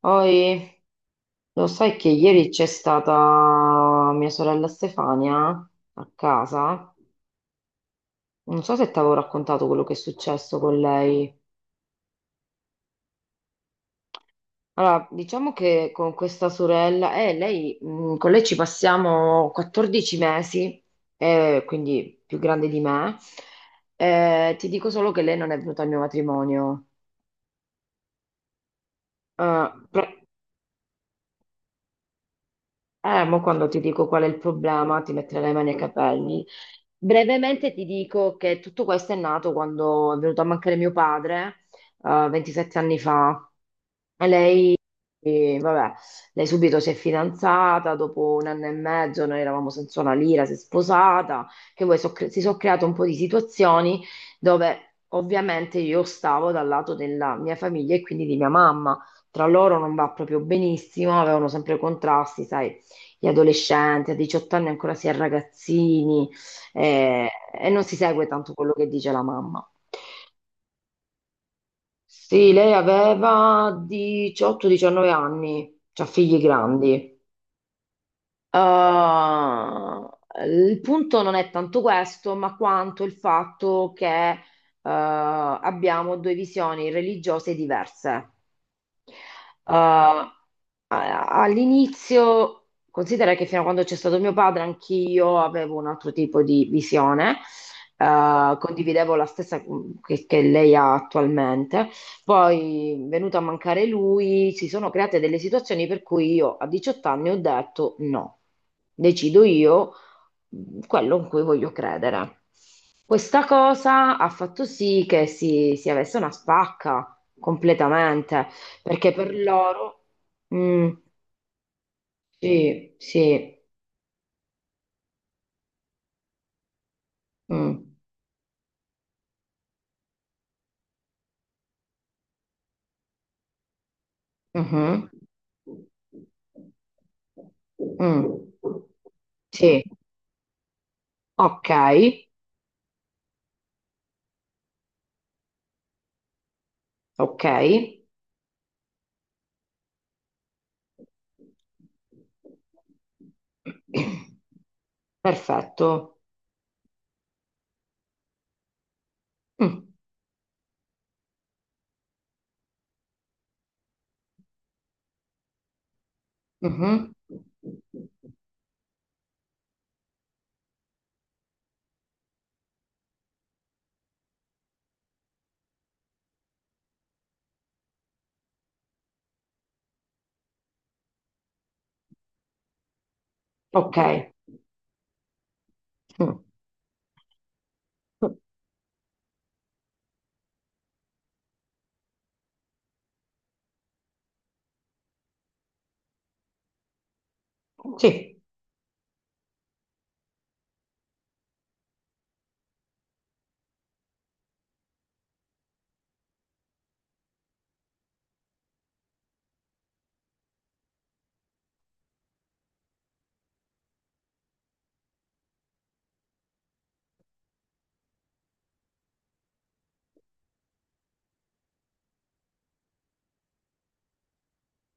Poi, lo sai che ieri c'è stata mia sorella Stefania a casa? Non so se ti avevo raccontato quello che è successo con lei. Allora, diciamo che con questa sorella, con lei ci passiamo 14 mesi, quindi più grande di me. Ti dico solo che lei non è venuta al mio matrimonio. Eh, pro- Mo quando ti dico qual è il problema, ti metterai le mani ai capelli. Brevemente ti dico che tutto questo è nato quando è venuto a mancare mio padre, 27 anni fa. E Lei e vabbè, lei subito si è fidanzata, dopo un anno e mezzo noi eravamo senza una lira, si è sposata, che poi si sono create un po' di situazioni dove ovviamente io stavo dal lato della mia famiglia e quindi di mia mamma. Tra loro non va proprio benissimo, avevano sempre contrasti, sai, gli adolescenti, a 18 anni ancora si è ragazzini, e non si segue tanto quello che dice la mamma. Sì, lei aveva 18-19 anni, cioè figli grandi. Uh, il punto non è tanto questo, ma quanto il fatto che abbiamo due visioni religiose diverse. Uh, All'inizio, considera che fino a quando c'è stato mio padre, anch'io avevo un altro tipo di visione, condividevo la stessa che lei ha attualmente. Poi, venuto a mancare lui, si sono create delle situazioni per cui io a 18 anni ho detto no, decido io quello in cui voglio credere. Questa cosa ha fatto sì che si avesse una spacca completamente perché per loro. Mm, sì, sì. Mm, mhm, mm, sì, ok, ok. Perfetto. Mm, mhm, ok. Mm, sì.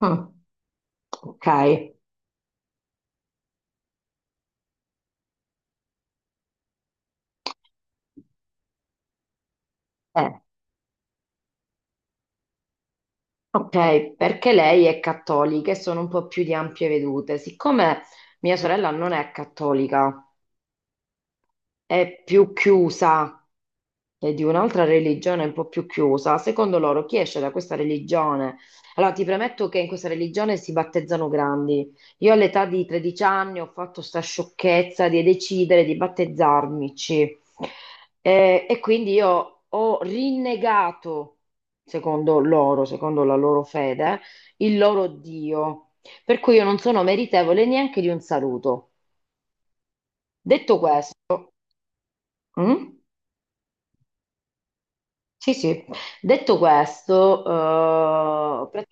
Mm, ok. Eh, Ok, perché lei è cattolica e sono un po' più di ampie vedute. Siccome mia sorella non è cattolica, è più chiusa e di un'altra religione un po' più chiusa, secondo loro chi esce da questa religione? Allora, ti premetto che in questa religione si battezzano grandi. Io all'età di 13 anni ho fatto sta sciocchezza di decidere di battezzarmici. E quindi io ho rinnegato, secondo loro, secondo la loro fede, il loro Dio. Per cui io non sono meritevole neanche di un saluto. Detto questo, mm? Sì, sì. Detto questo, eh, pra-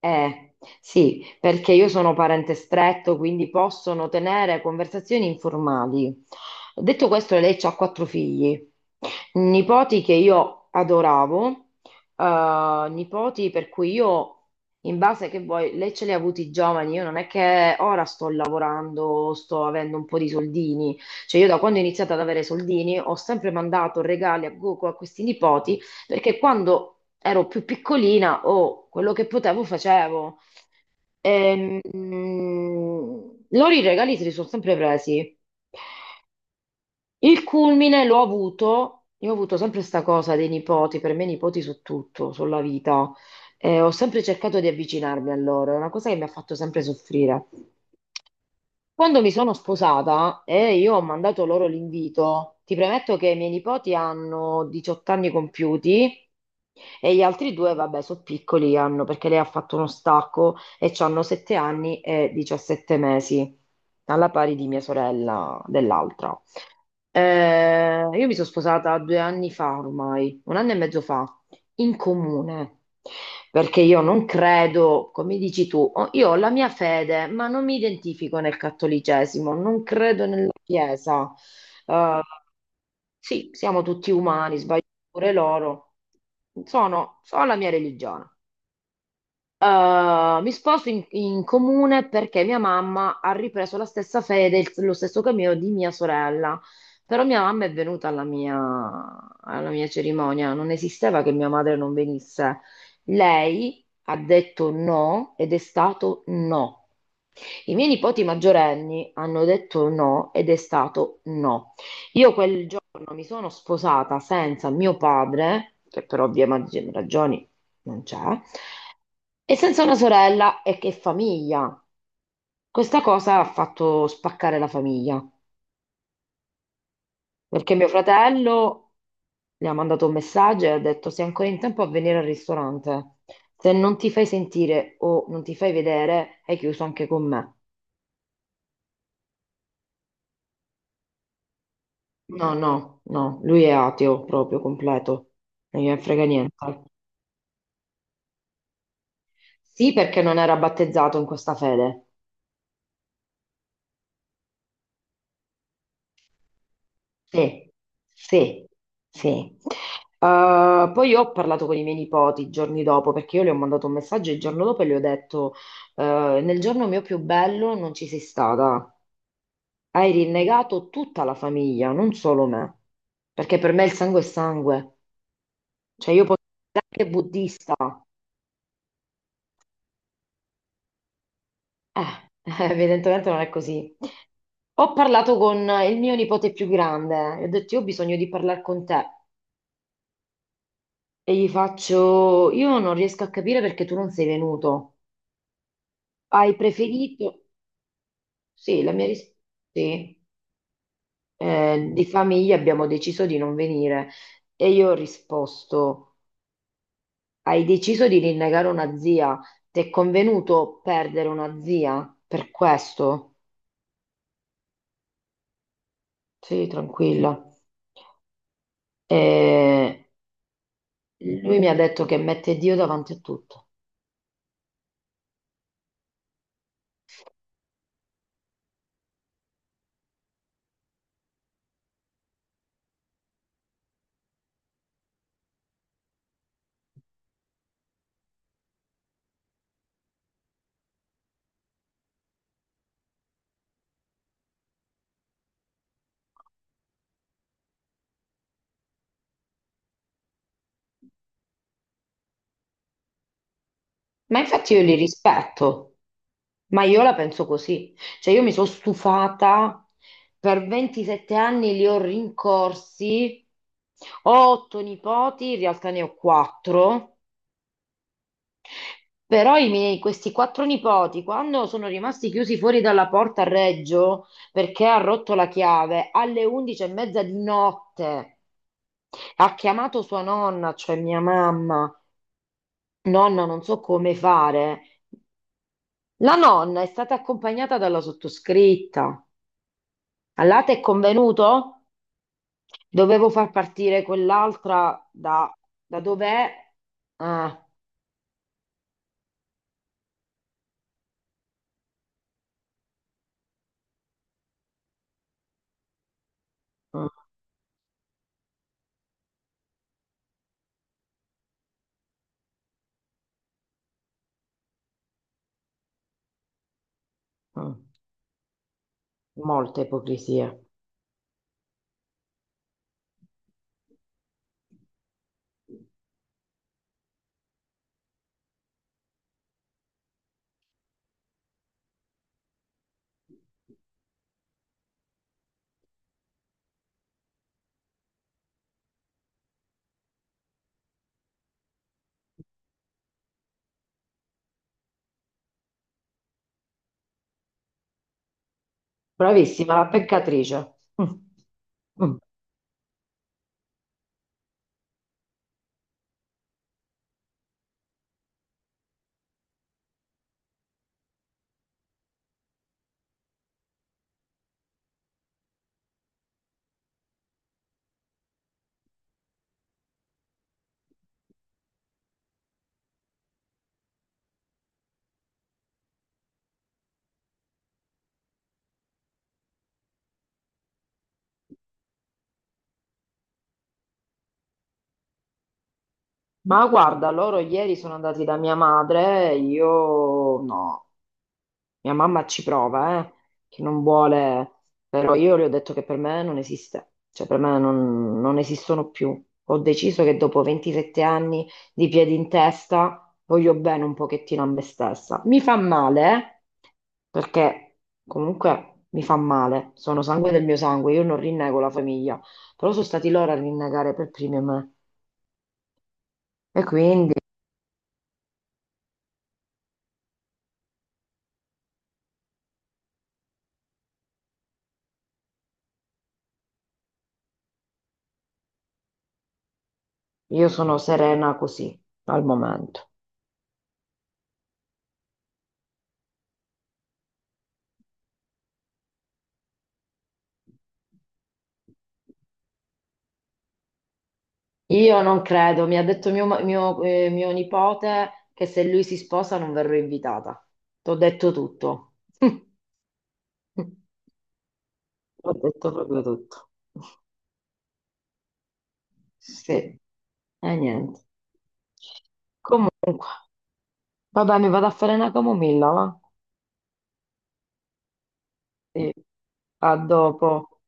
eh, sì, perché io sono parente stretto, quindi possono tenere conversazioni informali. Detto questo, lei ha quattro figli, nipoti che io adoravo, nipoti per cui io, in base che vuoi, lei ce li ha avuti giovani, io non è che ora sto lavorando, sto avendo un po' di soldini, cioè io da quando ho iniziato ad avere soldini ho sempre mandato regali a questi nipoti, perché quando ero più piccolina, oh, quello che potevo facevo. Loro i regali se li sono sempre presi. Il culmine l'ho avuto, io ho avuto sempre questa cosa dei nipoti, per me i nipoti su tutto, sulla vita. Ho sempre cercato di avvicinarmi a loro, è una cosa che mi ha fatto sempre soffrire. Quando mi sono sposata e io ho mandato loro l'invito, ti premetto che i miei nipoti hanno 18 anni compiuti. E gli altri due, vabbè, sono piccoli, hanno, perché lei ha fatto uno stacco e hanno 7 anni e 17 mesi, alla pari di mia sorella dell'altra. Io mi sono sposata 2 anni fa ormai, un anno e mezzo fa, in comune, perché io non credo, come dici tu, io ho la mia fede, ma non mi identifico nel cattolicesimo, non credo nella Chiesa. Eh, sì, siamo tutti umani, sbagliamo pure loro. Sono la mia religione. Mi sposo in comune perché mia mamma ha ripreso la stessa fede, lo stesso cammino di mia sorella. Però mia mamma è venuta alla mia cerimonia, non esisteva che mia madre non venisse. Lei ha detto no ed è stato no. I miei nipoti maggiorenni hanno detto no ed è stato no. Io quel giorno mi sono sposata senza mio padre, che per ovvie ragioni non c'è, e senza una sorella e che famiglia. Questa cosa ha fatto spaccare la famiglia, perché mio fratello le ha mandato un messaggio e ha detto sei ancora in tempo a venire al ristorante. Se non ti fai sentire o non ti fai vedere, hai chiuso anche con me. No, no, no, lui è ateo proprio completo, non gliene frega niente. Sì, perché non era battezzato in questa fede. Sì, sì, sì. Poi ho parlato con i miei nipoti i giorni dopo perché io le ho mandato un messaggio il giorno dopo e le ho detto: Nel giorno mio più bello non ci sei stata. Hai rinnegato tutta la famiglia, non solo me. Perché per me il sangue è sangue. Cioè, io posso essere anche buddista. Eh, Evidentemente non è così. Ho parlato con il mio nipote più grande e ho detto: Io ho bisogno di parlare con te. E gli faccio, io non riesco a capire perché tu non sei venuto. Hai preferito? Sì, la mia risposta, sì. Di famiglia abbiamo deciso di non venire. E io ho risposto, hai deciso di rinnegare una zia. Ti è convenuto perdere una zia per questo? Sì, tranquilla. E lui mi ha detto che mette Dio davanti a tutto. Ma infatti io li rispetto, ma io la penso così. Cioè io mi sono stufata, per 27 anni li ho rincorsi, ho otto nipoti, in realtà ne ho quattro, però questi quattro nipoti, quando sono rimasti chiusi fuori dalla porta a Reggio, perché ha rotto la chiave, alle 11 e mezza di notte, ha chiamato sua nonna, cioè mia mamma, nonna non so come fare, la nonna è stata accompagnata dalla sottoscritta. All'ate è convenuto? Dovevo far partire quell'altra da dov'è? Eh, mm, mm, Molta ipocrisia. Bravissima, la peccatrice. Mm, mm. Ma guarda, loro ieri sono andati da mia madre, io no. Mia mamma ci prova, che non vuole, però io le ho detto che per me non esiste, cioè per me non esistono più. Ho deciso che dopo 27 anni di piedi in testa voglio bene un pochettino a me stessa. Mi fa male, perché comunque mi fa male, sono sangue del mio sangue, io non rinnego la famiglia, però sono stati loro a rinnegare per primi me e quindi io sono serena così al momento. Io non credo, mi ha detto mio nipote che se lui si sposa non verrò invitata. T'ho detto tutto. Ho detto proprio tutto. Sì, e niente. Comunque, vabbè, mi vado a fare una camomilla, va? Sì. A dopo.